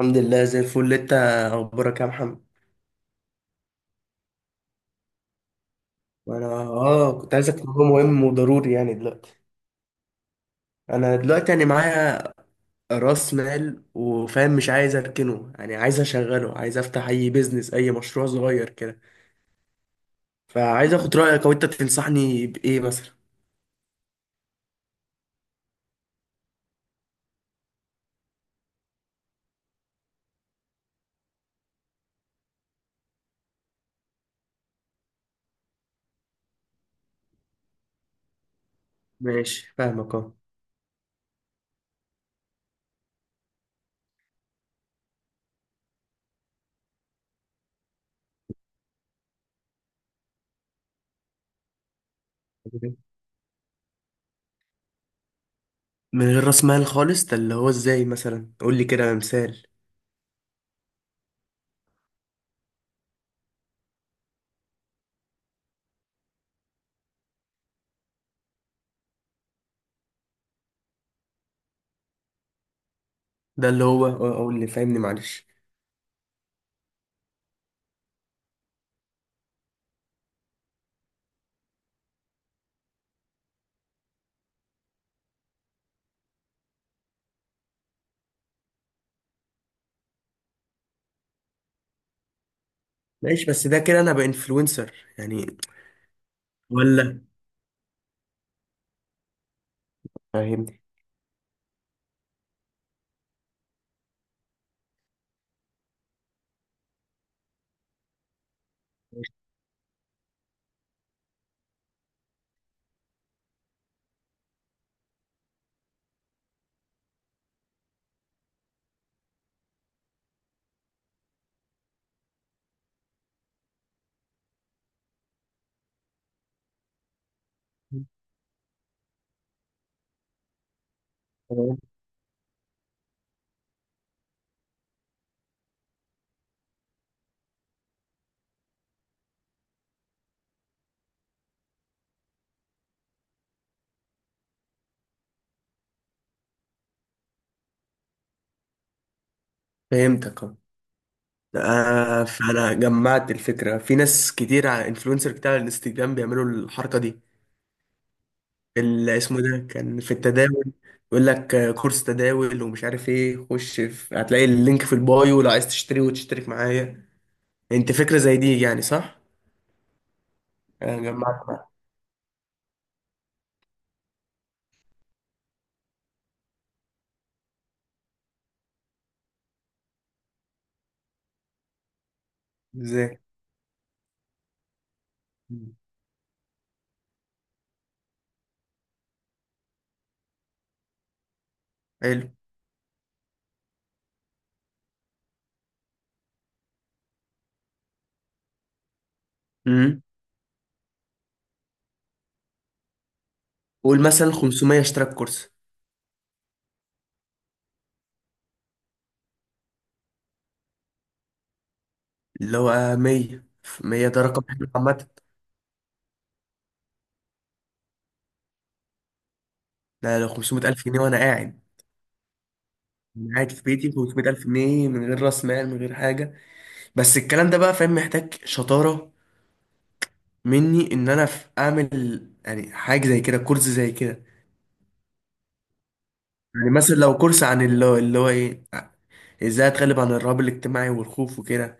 الحمد لله زي الفل. انت اخبارك يا محمد؟ وانا كنت عايزك في موضوع مهم وضروري يعني دلوقتي. انا دلوقتي يعني معايا راس مال، وفاهم مش عايز اركنه، يعني عايز اشغله، عايز افتح اي بيزنس اي مشروع صغير كده. فعايز اخد رايك او انت تنصحني بايه مثلا. ماشي، فاهمك اه. من غير راس مال خالص، ده اللي هو ازاي؟ مثلا قول لي كده مثال. ده اللي هو قول لي فاهمني معلش. ماشي، بس ده كده انا بانفلونسر يعني؟ ولا فاهمني؟ فهمتك اه. فانا جمعت الفكره في ناس كتير على انفلونسر بتاع الانستجرام بيعملوا الحركه دي، اللي اسمه ده كان في التداول. يقول لك كورس تداول ومش عارف ايه، خش في هتلاقي اللينك في البايو لو عايز تشتري وتشترك معايا. انت فكره زي دي يعني صح؟ جمعت بقى. ازاي؟ مم. حلو. امم قول مثلا 500 اشترك كورس، اللي هو 100. 100 ده رقم حلو عامه. ده لو 500000 جنيه وانا قاعد. أنا قاعد في بيتي ب 500000 جنيه من غير راس مال، من غير حاجه. بس الكلام ده بقى فاهم، محتاج شطاره مني ان انا في اعمل يعني حاجه زي كده، كورس زي كده. يعني مثلا لو كورس عن اللي هو ايه، ازاي اتغلب عن الرهاب الاجتماعي والخوف وكده،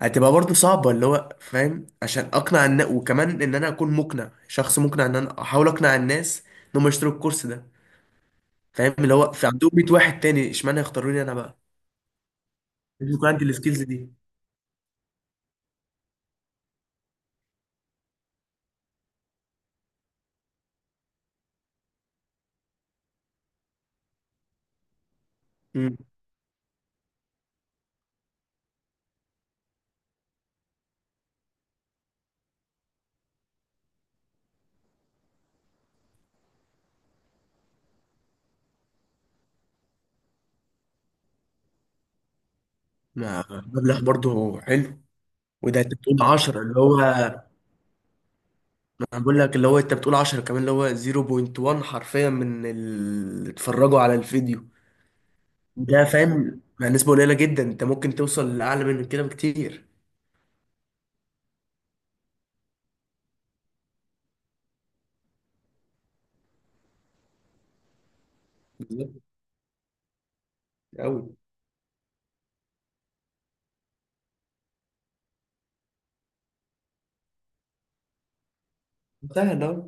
هتبقى برضه صعبه اللي هو فاهم، عشان اقنع الناس، وكمان ان انا اكون مقنع، شخص مقنع، ان انا احاول اقنع الناس ان هم يشتروا الكورس ده. فاهم اللي هو في عندهم 100 واحد تاني، اشمعنى يختاروني انا بقى؟ لازم يكون عندي السكيلز دي. مبلغ برضه حلو. وده انت بتقول 10، اللي هو، ما انا بقول لك اللي هو انت بتقول 10 كمان اللي هو 0.1 حرفيا من اللي اتفرجوا على الفيديو ده، فاهم؟ مع نسبة قليلة جدا انت ممكن توصل لأعلى من كده بكتير. بالظبط. أوي. سهل أوي.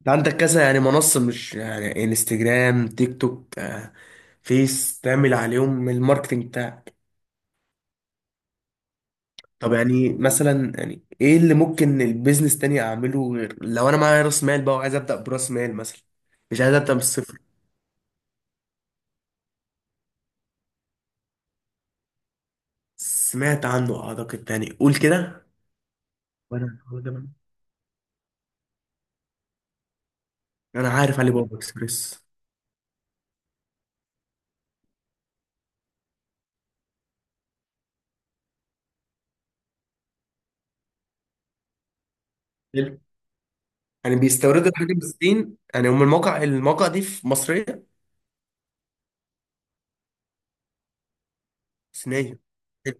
انت عندك كذا يعني منصة، مش يعني انستجرام، تيك توك، فيس، تعمل عليهم الماركتنج. طب يعني مثلا يعني ايه اللي ممكن البيزنس تاني اعمله غير، لو انا معايا راس مال بقى وعايز ابدا براس مال مثلا، مش عايز ابدا من الصفر. سمعت عنه اعتقد، تاني قول كده. وانا هو ده انا عارف علي بابا اكسبريس. حلو. يعني بيستوردوا الحاجه من الصين، يعني هم الموقع دي في مصريه صينيه؟ حلو.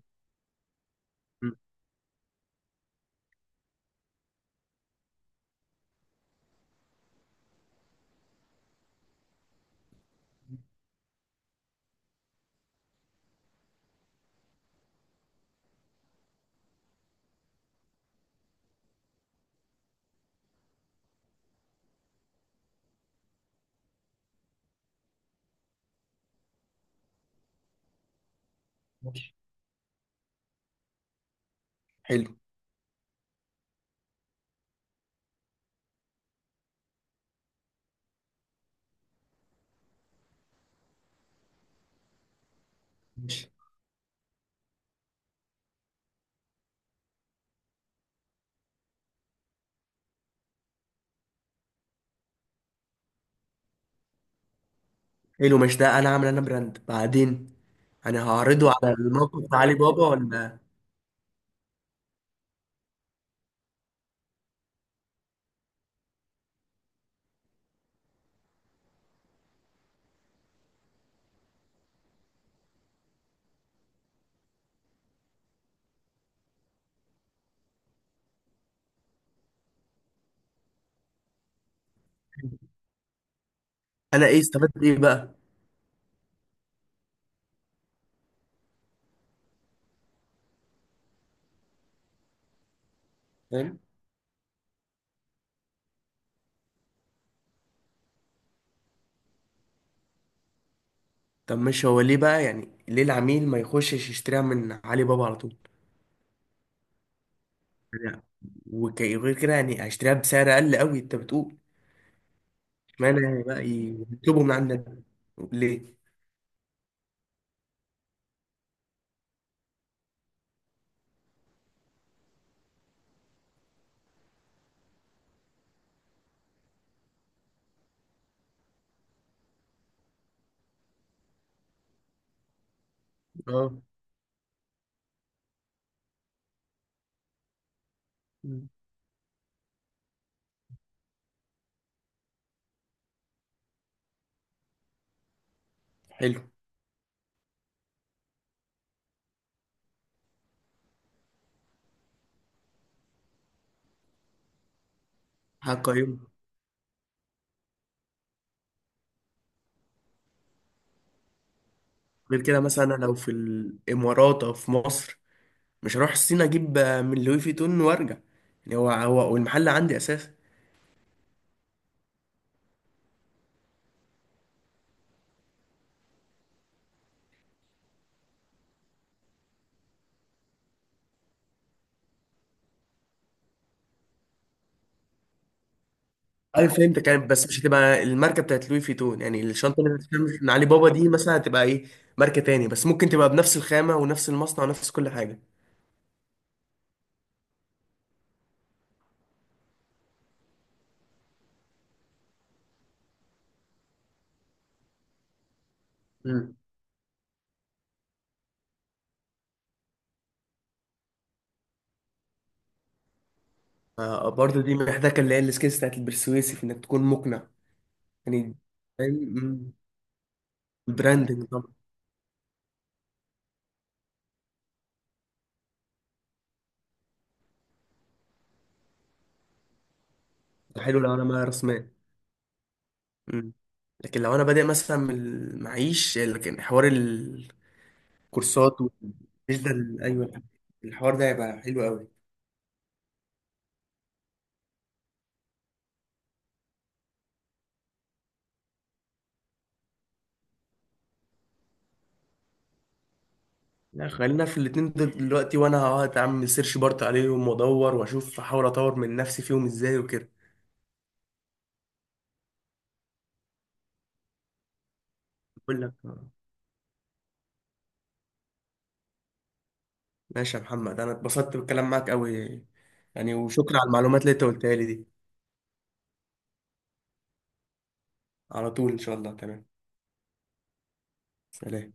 مم. ماشي. حلو. ماشي. حلو، مش ده انا عامل انا براند بعدين. انا هعرضه على الموقع بتاع علي بابا ولا؟ انا ايه استفدت ايه بقى؟ فاهم. طب مش هو ليه بقى، يعني ليه العميل ما يخشش يشتريها من علي بابا على طول؟ يعني وغير كده يعني هيشتريها بسعر اقل قوي انت بتقول. اشمعنى يعني بقى يطلبوا من عندنا؟ ليه؟ اه. مم. حلو. هقيمه. غير كده مثلا أنا لو في الامارات او في مصر، مش هروح الصين اجيب من لوي فيتون وارجع. يعني هو هو، والمحل عندي اساسا. اي فهمت كانت، بس مش هتبقى الماركه بتاعت لوي فيتون؟ يعني الشنطه اللي بتتعمل من علي بابا دي مثلا هتبقى ايه؟ ماركه تاني، بس ممكن تبقى بنفس الخامه ونفس المصنع ونفس كل حاجه. مم. برضه دي محتاجه اللي هي السكيلز بتاعت البرسويسيف، انك تكون مقنع. يعني فاهم. البراندنج طبعا. حلو لو انا معايا راس مال. مم. لكن لو انا بادئ مثلا من المعيش، لكن حوار الكورسات مش ده ايوه، الحوار ده هيبقى حلو قوي. لا، خلينا في الاتنين دول دلوقتي، وانا هقعد اعمل سيرش بارت عليهم وادور واشوف، احاول اطور من نفسي فيهم ازاي وكده. بقول لك آه. ماشي يا محمد، انا اتبسطت بالكلام معاك قوي يعني. وشكرا على المعلومات اللي انت قلتها لي دي. على طول ان شاء الله. تمام. سلام.